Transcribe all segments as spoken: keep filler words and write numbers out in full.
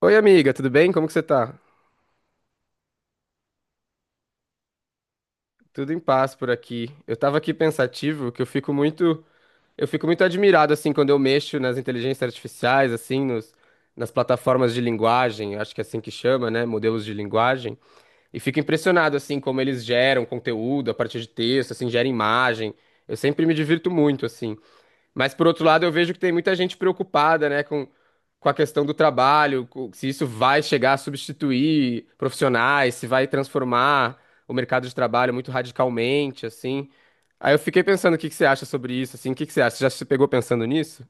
Oi, amiga, tudo bem? Como que você tá? Tudo em paz por aqui. Eu tava aqui pensativo, que eu fico muito, eu fico muito admirado assim quando eu mexo nas inteligências artificiais, assim, nos, nas plataformas de linguagem, acho que é assim que chama, né, modelos de linguagem, e fico impressionado assim como eles geram conteúdo a partir de texto, assim, gera imagem. Eu sempre me divirto muito assim. Mas por outro lado, eu vejo que tem muita gente preocupada, né, com, com a questão do trabalho, co- se isso vai chegar a substituir profissionais, se vai transformar o mercado de trabalho muito radicalmente, assim. Aí eu fiquei pensando, o que que você acha sobre isso, assim? O que que você acha? Você já se pegou pensando nisso?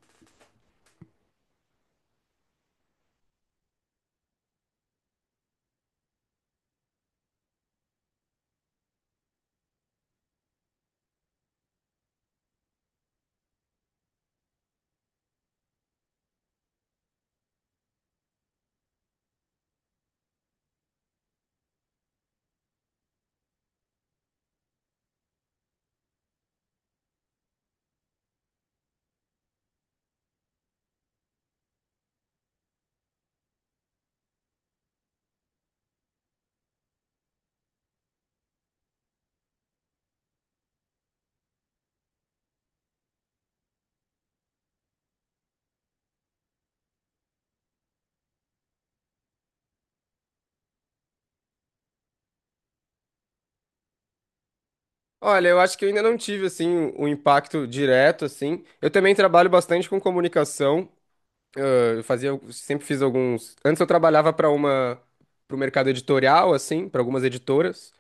Olha, eu acho que eu ainda não tive, assim, um impacto direto, assim. Eu também trabalho bastante com comunicação. ãh, Eu fazia, sempre fiz alguns... Antes eu trabalhava para uma... para o mercado editorial, assim, para algumas editoras.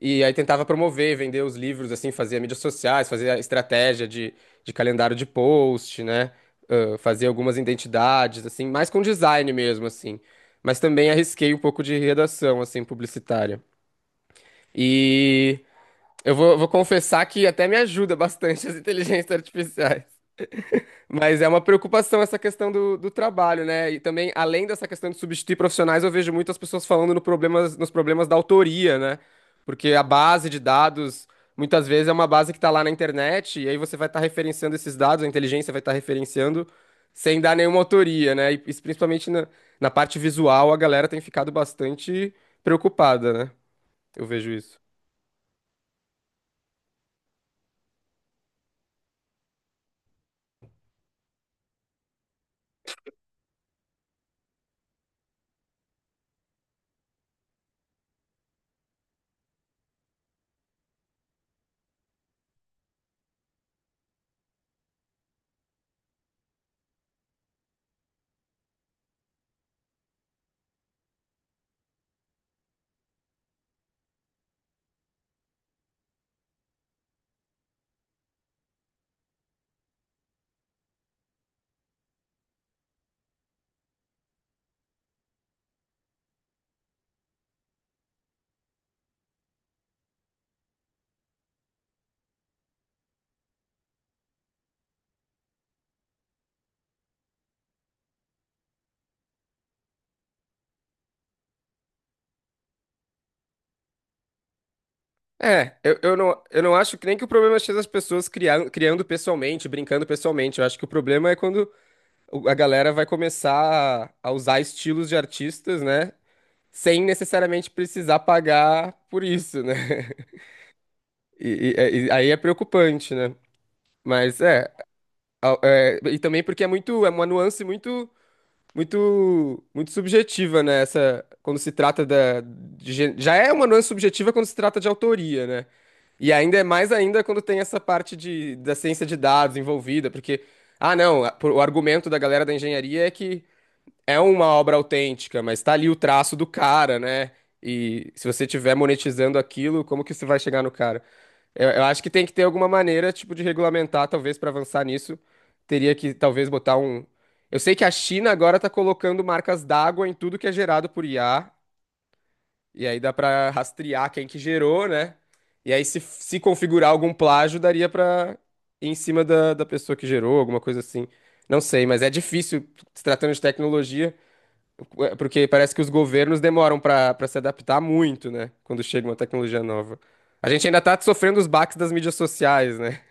E aí tentava promover, vender os livros, assim, fazia mídias sociais, fazia estratégia de, de calendário de post, né? Ah, fazia algumas identidades, assim, mais com design mesmo, assim. Mas também arrisquei um pouco de redação, assim, publicitária. E eu vou, vou confessar que até me ajuda bastante as inteligências artificiais. Mas é uma preocupação essa questão do, do trabalho, né? E também, além dessa questão de substituir profissionais, eu vejo muitas pessoas falando no problemas, nos problemas da autoria, né? Porque a base de dados, muitas vezes, é uma base que está lá na internet, e aí você vai estar referenciando esses dados, a inteligência vai estar referenciando sem dar nenhuma autoria, né? E isso principalmente na, na parte visual, a galera tem ficado bastante preocupada, né? Eu vejo isso. É, eu, eu não, eu não acho que nem que o problema seja as pessoas criando, criando pessoalmente, brincando pessoalmente. Eu acho que o problema é quando o- a galera vai começar a usar estilos de artistas, né? Sem necessariamente precisar pagar por isso, né? E, e- é, e aí é preocupante, né? Mas é, a- é, e também porque é muito, é uma nuance muito, muito, muito subjetiva, né? Essa, quando se trata da, de gê- já é uma nuance subjetiva quando se trata de autoria, né? E ainda é mais ainda quando tem essa parte de, da ciência de dados envolvida, porque, ah, não, a- por- o argumento da galera da engenharia é que é uma obra autêntica, mas tá ali o traço do cara, né? E se você tiver monetizando aquilo, como que você vai chegar no cara? Eu, eu acho que tem que ter alguma maneira, tipo, de regulamentar, talvez, para avançar nisso. Teria que, talvez, botar um. Eu sei que a China agora tá colocando marcas d'água em tudo que é gerado por I A, e aí dá pra rastrear quem que gerou, né? E aí, se, se configurar algum plágio, daria pra ir em cima da, da pessoa que gerou, alguma coisa assim. Não sei, mas é difícil, se tratando de tecnologia. É, porque parece que os governos demoram para para se adaptar muito, né? Quando chega uma tecnologia nova. A gente ainda tá sofrendo os baques das mídias sociais, né?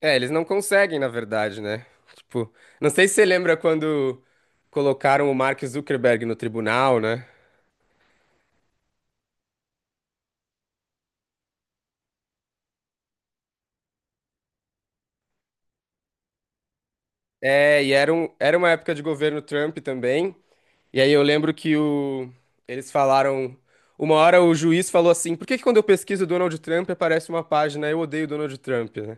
É, eles não conseguem, na verdade, né? Tipo, não sei se você lembra quando colocaram o Mark Zuckerberg no tribunal, né? É, e era, um, era uma época de governo Trump também. E aí eu lembro que o, eles falaram. Uma hora o juiz falou assim: por que que quando eu pesquiso Donald Trump aparece uma página Eu odeio Donald Trump, né?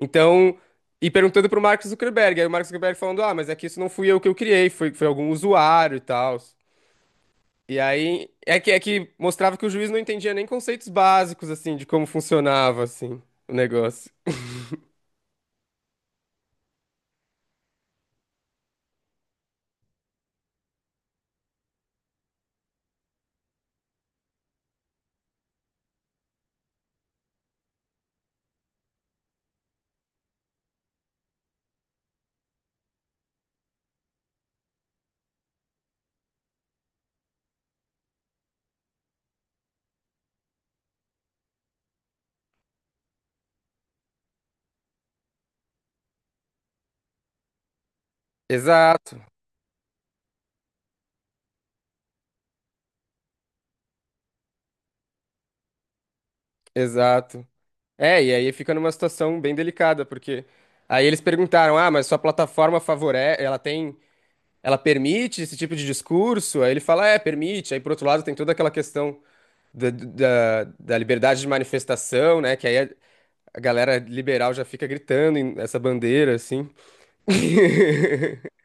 Então, e perguntando pro Mark Zuckerberg, aí o Mark Zuckerberg falando, ah, mas é que isso não fui eu que eu criei, foi, foi algum usuário e tal. E aí, é que, é que mostrava que o juiz não entendia nem conceitos básicos, assim, de como funcionava, assim, o negócio. Exato, exato. É, e aí fica numa situação bem delicada, porque aí eles perguntaram, ah, mas sua plataforma favorece, ela tem, ela permite esse tipo de discurso? Aí ele fala, é, permite. Aí, por outro lado, tem toda aquela questão da, da, da liberdade de manifestação, né? Que aí é, A galera liberal já fica gritando em- essa bandeira, assim.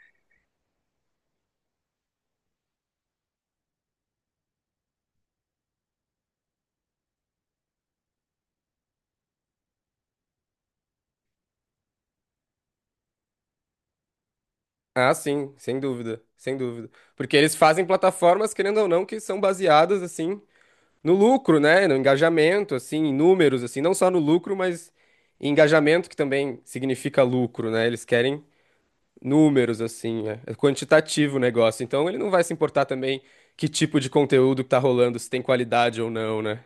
Ah, sim, sem dúvida, sem dúvida. Porque eles fazem plataformas, querendo ou não, que são baseadas, assim, no lucro, né? No engajamento, assim, em números, assim, não só no lucro, mas em engajamento, que também significa lucro, né? Eles querem números, assim, é é quantitativo o negócio. Então ele não vai se importar também que tipo de conteúdo que tá rolando, se tem qualidade ou não, né?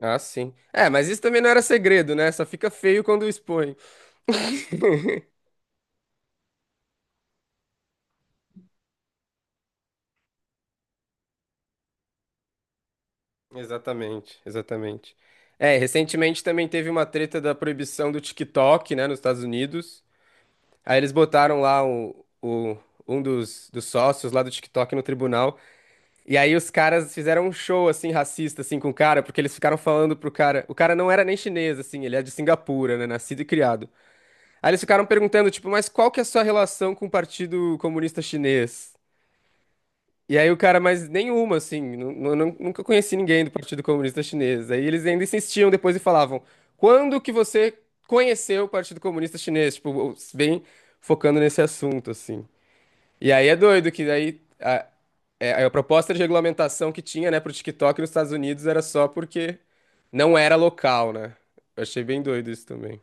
Ah, sim. É, mas isso também não era segredo, né? Só fica feio quando expõe. Exatamente, exatamente. É, recentemente também teve uma treta da proibição do TikTok, né, nos Estados Unidos. Aí eles botaram lá o, o- um dos, dos sócios lá do TikTok no tribunal. E aí os caras fizeram um show, assim, racista, assim, com o cara, porque eles ficaram falando pro cara... O cara não era nem chinês, assim, ele é de Singapura, né, nascido e criado. Aí eles ficaram perguntando, tipo, mas qual que é a sua relação com o Partido Comunista Chinês? E aí o cara, mas nenhuma, assim, nu- nu- nu- nunca conheci ninguém do Partido Comunista Chinês. Aí eles ainda insistiam depois e falavam, quando que você conheceu o Partido Comunista Chinês? Tipo, o- bem focando nesse assunto, assim. E aí é doido que daí a, é, a proposta de regulamentação que tinha, né, pro TikTok nos Estados Unidos era só porque não era local, né? Eu achei bem doido isso também.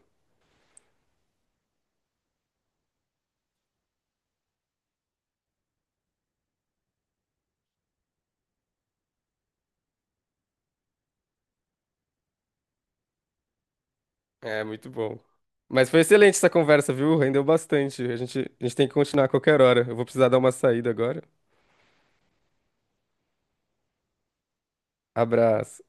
É, muito bom. Mas foi excelente essa conversa, viu? Rendeu bastante. A gente, a gente tem que continuar a qualquer hora. Eu vou precisar dar uma saída agora. Abraço.